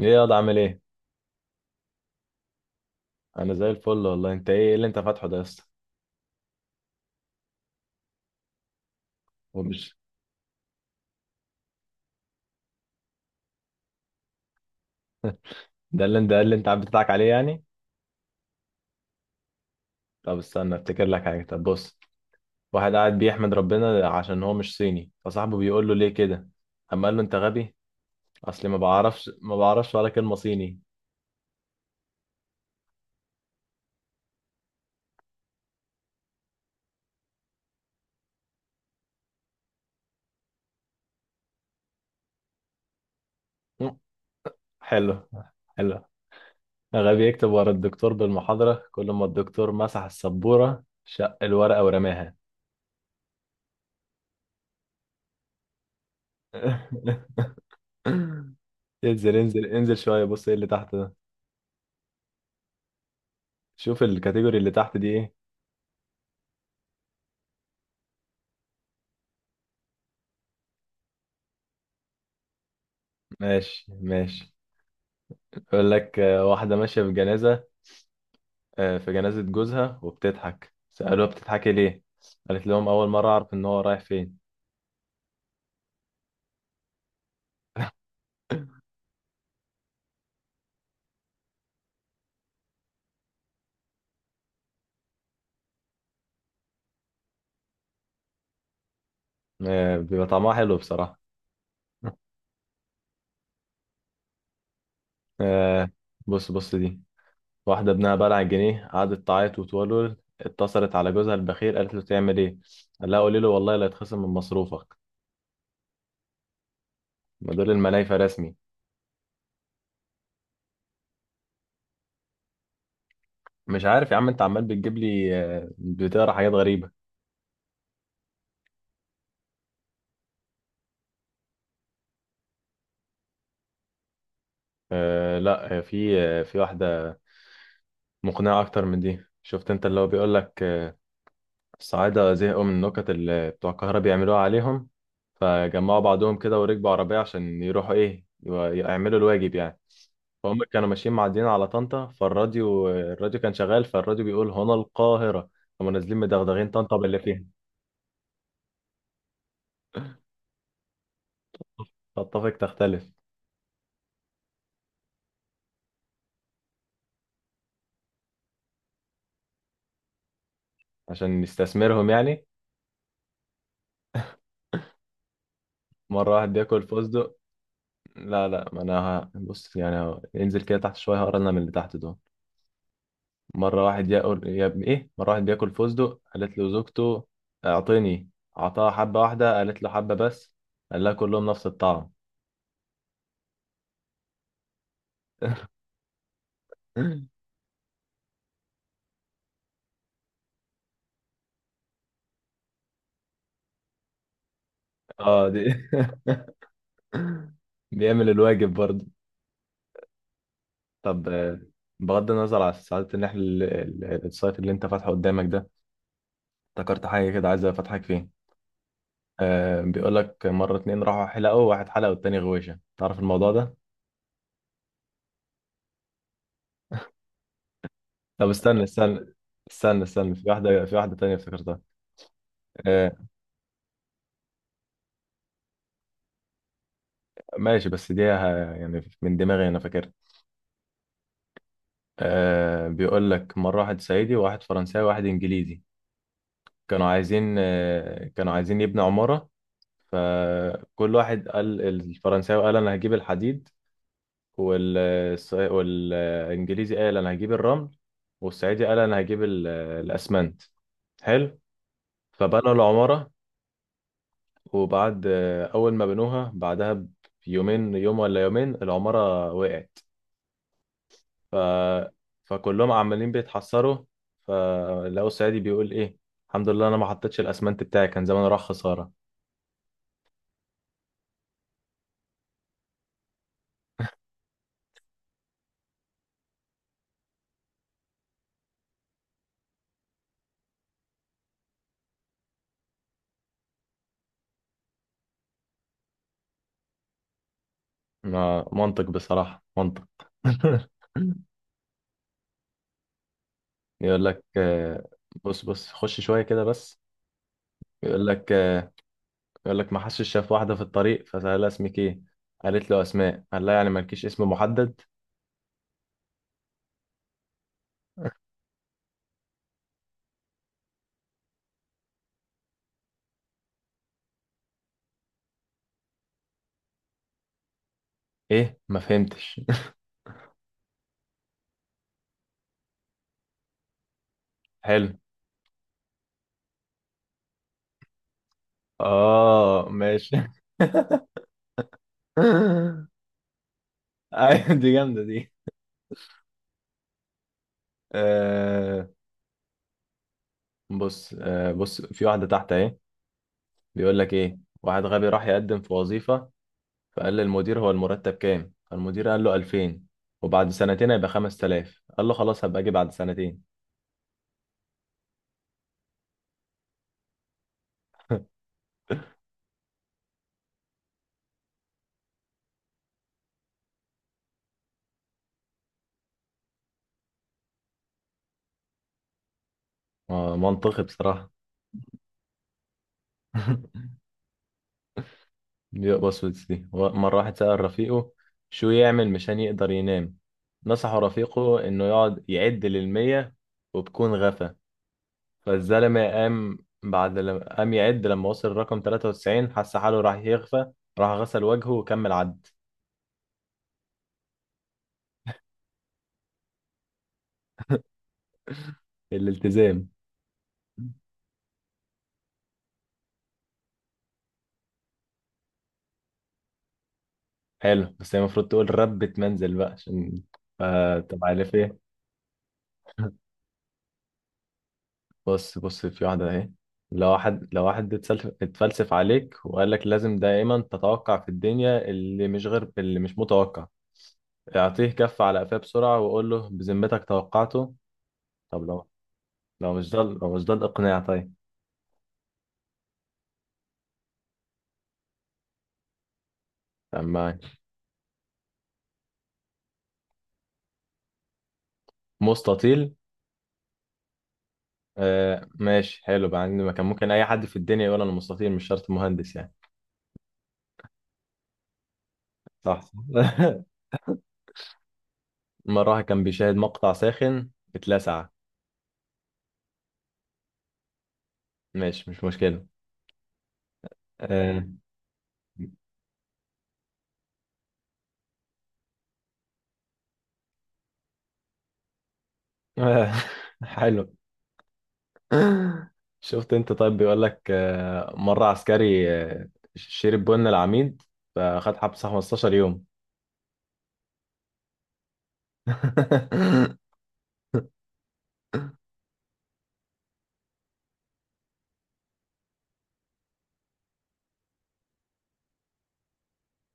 ايه يا ده؟ عامل ايه؟ انا زي الفل والله. انت إيه اللي انت فاتحه ده يا اسطى؟ ومش. ده اللي انت قاعد بتضحك عليه يعني؟ طب استنى افتكر لك حاجه. طب بص. واحد قاعد بيحمد ربنا عشان هو مش صيني، فصاحبه بيقول له ليه كده. اما قال له انت غبي. اصلي ما بعرفش ولا كلمه صيني. مم، حلو. حلو. غبي يكتب ورا الدكتور بالمحاضره، كل ما الدكتور مسح السبوره شق الورقه ورماها. انزل انزل انزل شويه، بص ايه اللي تحت ده. شوف الكاتيجوري اللي تحت دي ايه. ماشي ماشي. يقول لك واحدة ماشية في جنازة. في جنازة جوزها وبتضحك. سألوها بتضحكي ليه؟ قالت لهم أول مرة أعرف إن هو رايح فين. آه، بيبقى طعمها حلو بصراحة. آه، بص بص دي. واحدة ابنها بلع جنيه، قعدت تعيط وتولول، اتصلت على جوزها البخيل قالت له تعمل إيه؟ قال لها قولي له والله لا يتخصم من مصروفك. ما دول المنايفة رسمي. مش عارف يا عم، أنت عمال بتجيب لي بتقرا حاجات غريبة. لا، في واحدة مقنعة أكتر من دي. شفت أنت اللي هو بيقول لك. الصعايدة زهقوا من النكت اللي بتوع القاهرة بيعملوها عليهم. فجمعوا بعضهم كده وركبوا عربية عشان يروحوا يعملوا الواجب يعني. فهم كانوا ماشيين معديين على طنطا، فالراديو كان شغال، فالراديو بيقول هنا القاهرة. هم نازلين مدغدغين طنطا باللي فيها. تتفق تختلف. عشان يستثمرهم يعني. مرة واحد بياكل فستق. لا لا، ما أنا بص يعني، انزل كده تحت شوية هقرا لنا من اللي تحت دول. مرة واحد ياكل يا ابن ايه مرة واحد بياكل فستق، قالت له زوجته اعطيني. اعطاها حبة واحدة. قالت له حبة بس؟ قال لها كلهم نفس الطعم. اه دي. بيعمل الواجب برضه. طب بغض النظر على سعادة ان احنا السايت اللي انت فاتحه قدامك ده، افتكرت حاجة كده عايز افتحك فيه. آه، بيقول لك مرة اتنين راحوا حلقوا، واحد حلق والتاني غويشة. تعرف الموضوع ده؟ طب استنى استنى. استنى استنى. في واحدة تانية افتكرتها. آه، ماشي. بس دي يعني من دماغي انا فاكر. آه، بيقول لك مره واحد صعيدي وواحد فرنساوي وواحد انجليزي كانوا عايزين. كانوا عايزين يبنوا عماره. فكل واحد قال، الفرنساوي قال انا هجيب الحديد، والانجليزي قال انا هجيب الرمل، والصعيدي قال انا هجيب الاسمنت. حلو. فبنوا العماره. وبعد اول ما بنوها، بعدها بيومين، يوم ولا يومين العماره وقعت. ف... فكلهم عمالين بيتحسروا، فلقوا الصعيدي بيقول ايه. الحمد لله انا ما حطيتش الاسمنت بتاعي، كان زمان راح خسارة. ما منطق بصراحة، منطق. يقول لك بص بص، خش شوية كده بس. يقول لك يقول لك ما حدش شاف واحدة في الطريق، فسألها اسمك ايه؟ قالت له اسماء. قال لها يعني مالكيش اسم محدد؟ ايه ما فهمتش. حلو. اه ماشي. ايوه دي جامدة دي. آه، بص. آه، بص في واحدة تحت اهي. بيقول لك ايه، واحد غبي راح يقدم في وظيفة، فقال للمدير هو المرتب كام؟ المدير قال له 2000، وبعد سنتين هيبقى 5000. قال له خلاص هبقى اجي بعد سنتين. آه، منطقي بصراحة. بص بص دي. مرة واحد سأل رفيقه شو يعمل مشان يقدر ينام. نصحه رفيقه انه يقعد يعد للمية وبكون غفى. فالزلمة قام، بعد لما قام يعد، لما وصل رقم 93 حس حاله راح يغفى، راح غسل وجهه وكمل عد. الالتزام. حلو، بس هي المفروض تقول ربة منزل بقى عشان. طب عارف ايه. بص بص في واحدة اهي. لو واحد اتفلسف عليك وقال لك لازم دائما تتوقع في الدنيا اللي مش، غير اللي مش متوقع، اعطيه كف على قفاه بسرعة وقول له بذمتك توقعته. طب لو، لو مش ده الإقناع طيب. تمام معاك. مستطيل. آه، ماشي، حلو. بقى عندي مكان ممكن أي حد في الدنيا يقول أنا مستطيل، مش شرط مهندس يعني. صح صح. مرة واحد كان بيشاهد مقطع ساخن اتلسع. ماشي، مش مشكلة. آه. آه. حلو. شفت انت. طيب بيقول لك مرة عسكري شرب بن العميد فخد حبس 15 يوم.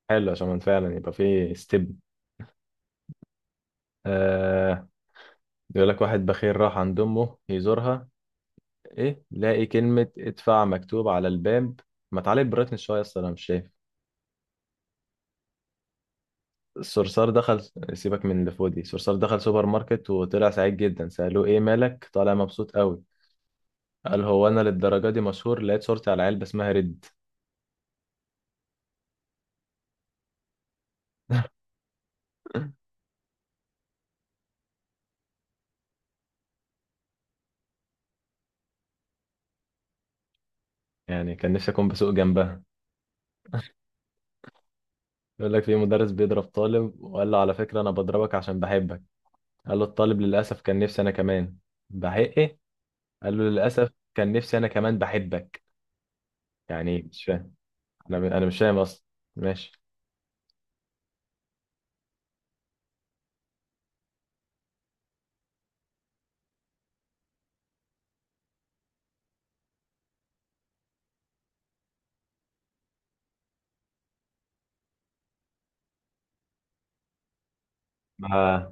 حلو عشان فعلا يبقى في ستيب. آه، بيقول لك واحد بخيل راح عند امه يزورها، ايه لاقي كلمة ادفع مكتوب على الباب. ما تعالي بريتني شوية اصلا انا مش شايف. الصرصار دخل. سيبك من اللي في ودي، الصرصار دخل سوبر ماركت وطلع سعيد جدا. سألوه ايه مالك طالع مبسوط قوي؟ قال هو انا للدرجة دي مشهور؟ لقيت صورتي على علبة اسمها ريد. يعني كان نفسي اكون بسوق جنبها. يقول لك في مدرس بيضرب طالب وقال له على فكرة انا بضربك عشان بحبك، قال له الطالب للأسف كان نفسي انا كمان. بحق ايه. قال له للأسف كان نفسي انا كمان بحبك. يعني مش فاهم. انا مش فاهم اصلا. ماشي. ما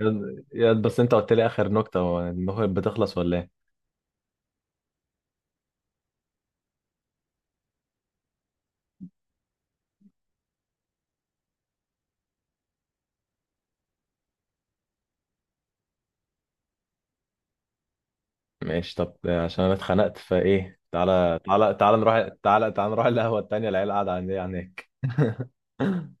يا- يا- بس انت قلت لي اخر نكتة، هو النكت بتخلص ولا ايه؟ ماشي طب عشان انا اتخنقت فايه، تعالى تعالى تعالى نروح، القهوة التانية العيال قاعدة عندي هناك.